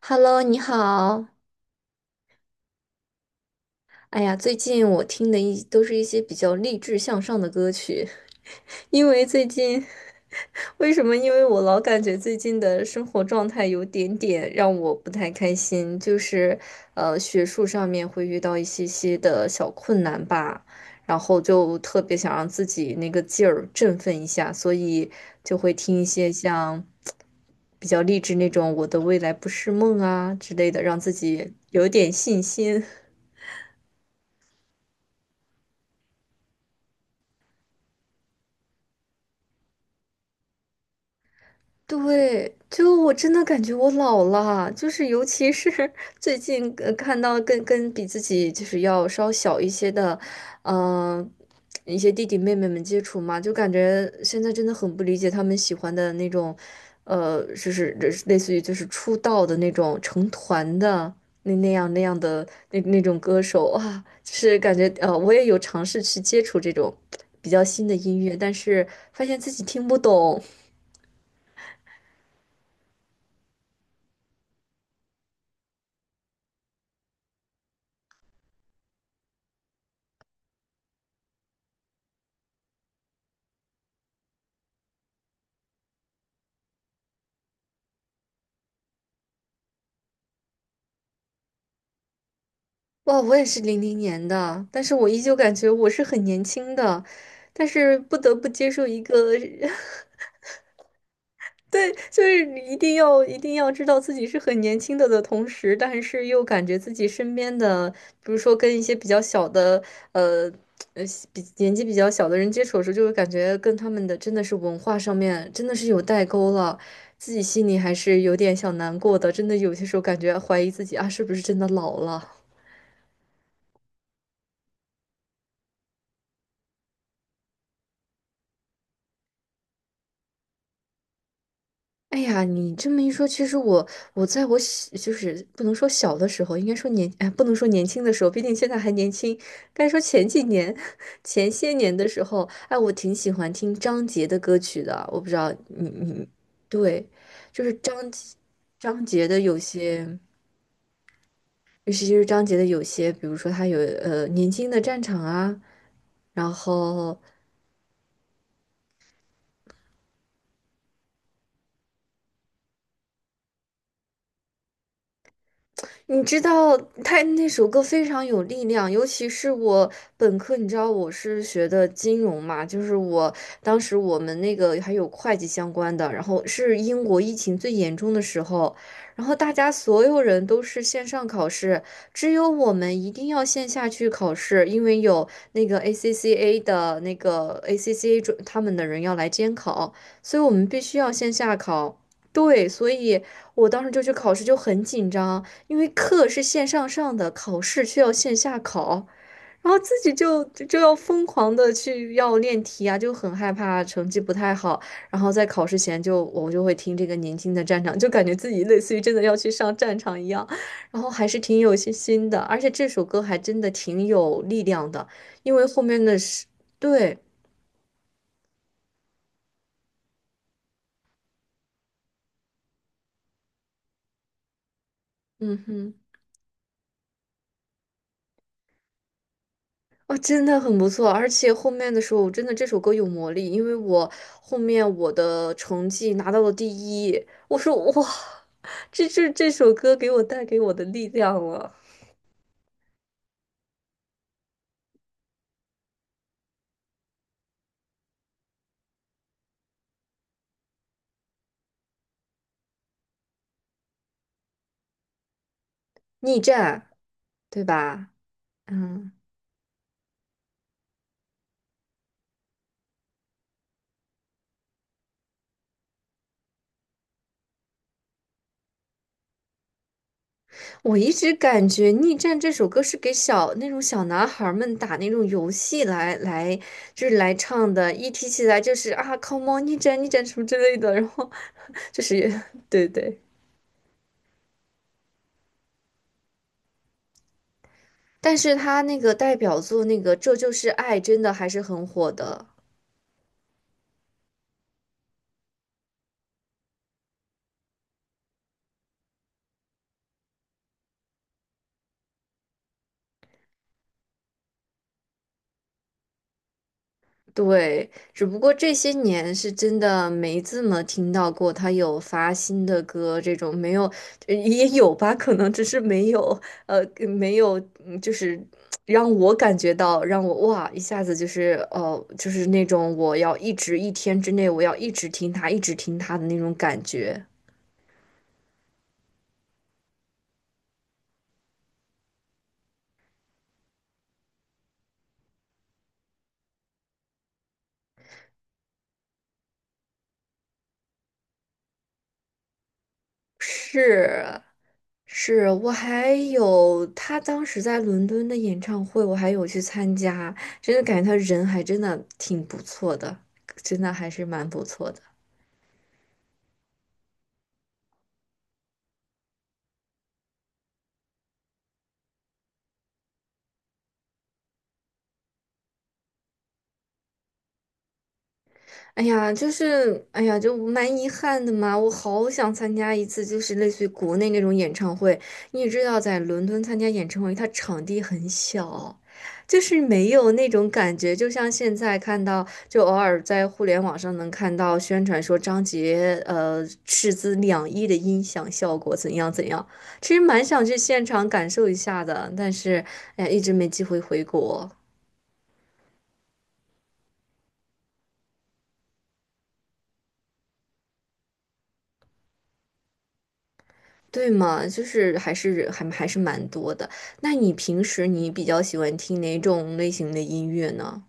Hello，你好。哎呀，最近我听的一都是一些比较励志向上的歌曲，因为最近，为什么？因为我老感觉最近的生活状态有点点让我不太开心，就是学术上面会遇到一些些的小困难吧，然后就特别想让自己那个劲儿振奋一下，所以就会听一些像。比较励志那种“我的未来不是梦”啊之类的，让自己有点信心。对，就我真的感觉我老了，就是尤其是 最近看到跟比自己就是要稍小一些的，嗯、一些弟弟妹妹们接触嘛，就感觉现在真的很不理解他们喜欢的那种，就是类似于就是出道的那种成团的那样的那种歌手啊，就是感觉我也有尝试去接触这种比较新的音乐，但是发现自己听不懂。哇，我也是零零年的，但是我依旧感觉我是很年轻的，但是不得不接受一个，对，就是你一定要知道自己是很年轻的的同时，但是又感觉自己身边的，比如说跟一些比较小的，呃呃，比年纪比较小的人接触的时候，就会感觉跟他们的真的是文化上面真的是有代沟了，自己心里还是有点小难过的，真的有些时候感觉怀疑自己啊，是不是真的老了。哎呀，你这么一说，其实我在我小就是不能说小的时候，应该说年哎，不能说年轻的时候，毕竟现在还年轻。该说前几年、前些年的时候，哎，我挺喜欢听张杰的歌曲的。我不知道你对，就是张杰张杰的有些，尤其是张杰的有些，比如说他有《年轻的战场》啊，然后你知道他那首歌非常有力量，尤其是我本科，你知道我是学的金融嘛，就是我当时我们那个还有会计相关的，然后是英国疫情最严重的时候，然后大家所有人都是线上考试，只有我们一定要线下去考试，因为有那个 ACCA 的那个 ACCA 准他们的人要来监考，所以我们必须要线下考。对，所以我当时就去考试，就很紧张。因为课是线上上的，考试却要线下考，然后自己就要疯狂的去要练题啊，就很害怕成绩不太好，然后在考试前就我就会听这个年轻的战场》，就感觉自己类似于真的要去上战场一样，然后还是挺有信心的，而且这首歌还真的挺有力量的，因为后面的是，对，嗯哼。哦，真的很不错，而且后面的时候，我真的这首歌有魔力，因为我后面我的成绩拿到了第一，我说哇，这是这首歌给我带给我的力量了，逆战，对吧？嗯，我一直感觉《逆战》这首歌是给小那种小男孩儿们打那种游戏来，就是来唱的。一提起来就是啊，Come on，逆战逆战什么之类的，然后 就是 对对。但是他那个代表作那个《这就是爱》真的还是很火的，对，只不过这些年是真的没怎么听到过他有发新的歌，这种没有，呃也有吧，可能只是没有，呃，没有，嗯就是让我感觉到，让我哇一下子就是就是那种我要一直一天之内我要一直听他，一直听他的那种感觉，是，是我还有他当时在伦敦的演唱会，我还有去参加，真的感觉他人还真的挺不错的，真的还是蛮不错的。哎呀，就是，哎呀，就蛮遗憾的嘛。我好想参加一次，就是类似于国内那种演唱会。你也知道，在伦敦参加演唱会，它场地很小，就是没有那种感觉。就像现在看到，就偶尔在互联网上能看到宣传说张杰，斥资两亿的音响效果怎样怎样。其实蛮想去现场感受一下的，但是，哎呀，一直没机会回国。对嘛，就是还是蛮多的。那你平时你比较喜欢听哪种类型的音乐呢？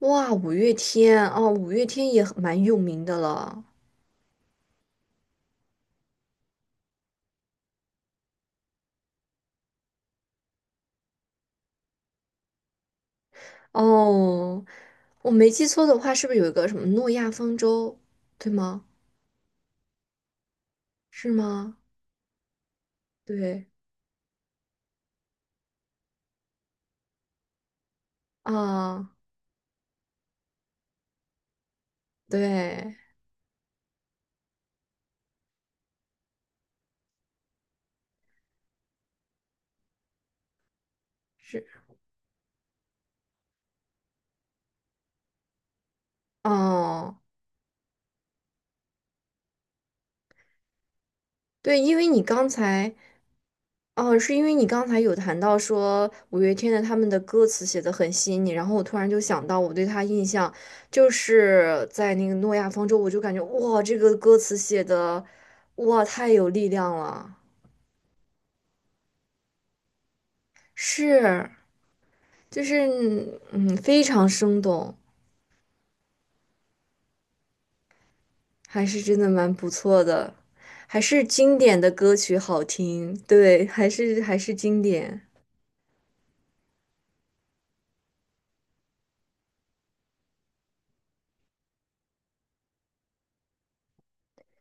哇，五月天哦，五月天也很蛮有名的了。哦，我没记错的话，是不是有一个什么诺亚方舟？对吗？是吗？对啊，对，是哦。对，因为你刚才，哦，是因为你刚才有谈到说五月天的他们的歌词写的很吸引你，然后我突然就想到我对他印象就是在那个《诺亚方舟》，我就感觉哇，这个歌词写的哇太有力量了，是，就是嗯，非常生动，还是真的蛮不错的，还是经典的歌曲好听，对，还是经典。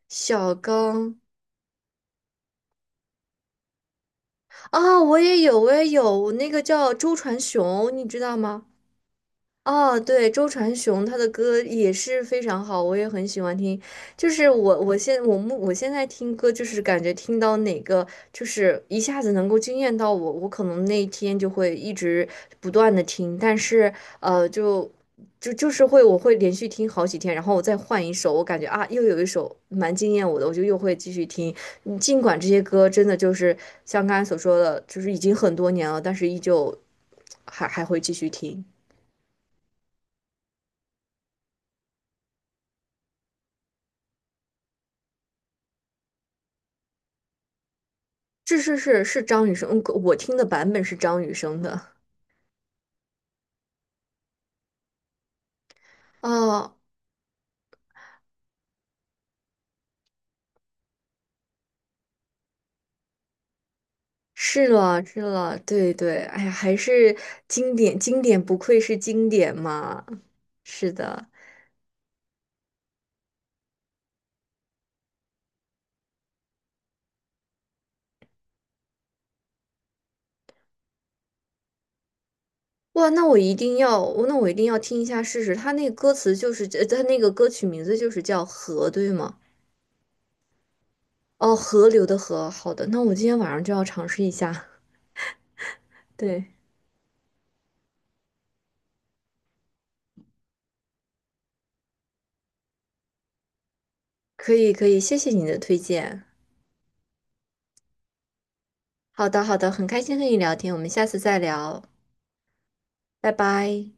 小刚，啊，我也有，我那个叫周传雄，你知道吗？哦，对，周传雄他的歌也是非常好，我也很喜欢听。就是我，我现我目我现在听歌，就是感觉听到哪个，就是一下子能够惊艳到我，我可能那一天就会一直不断的听。但是，呃，就就是会，我会连续听好几天，然后我再换一首，我感觉啊，又有一首蛮惊艳我的，我就又会继续听。嗯尽管这些歌真的就是像刚才所说的，就是已经很多年了，但是依旧还会继续听。是张雨生，嗯我听的版本是张雨生的。哦，是了，对对，哎呀，还是经典，不愧是经典嘛。是的，哇，那我一定要听一下试试。他那个歌词就是，他那个歌曲名字就是叫《河》，对吗？哦，河流的河。好的，那我今天晚上就要尝试一下。对，可以可以，谢谢你的推荐。好的好的，很开心和你聊天，我们下次再聊，拜拜。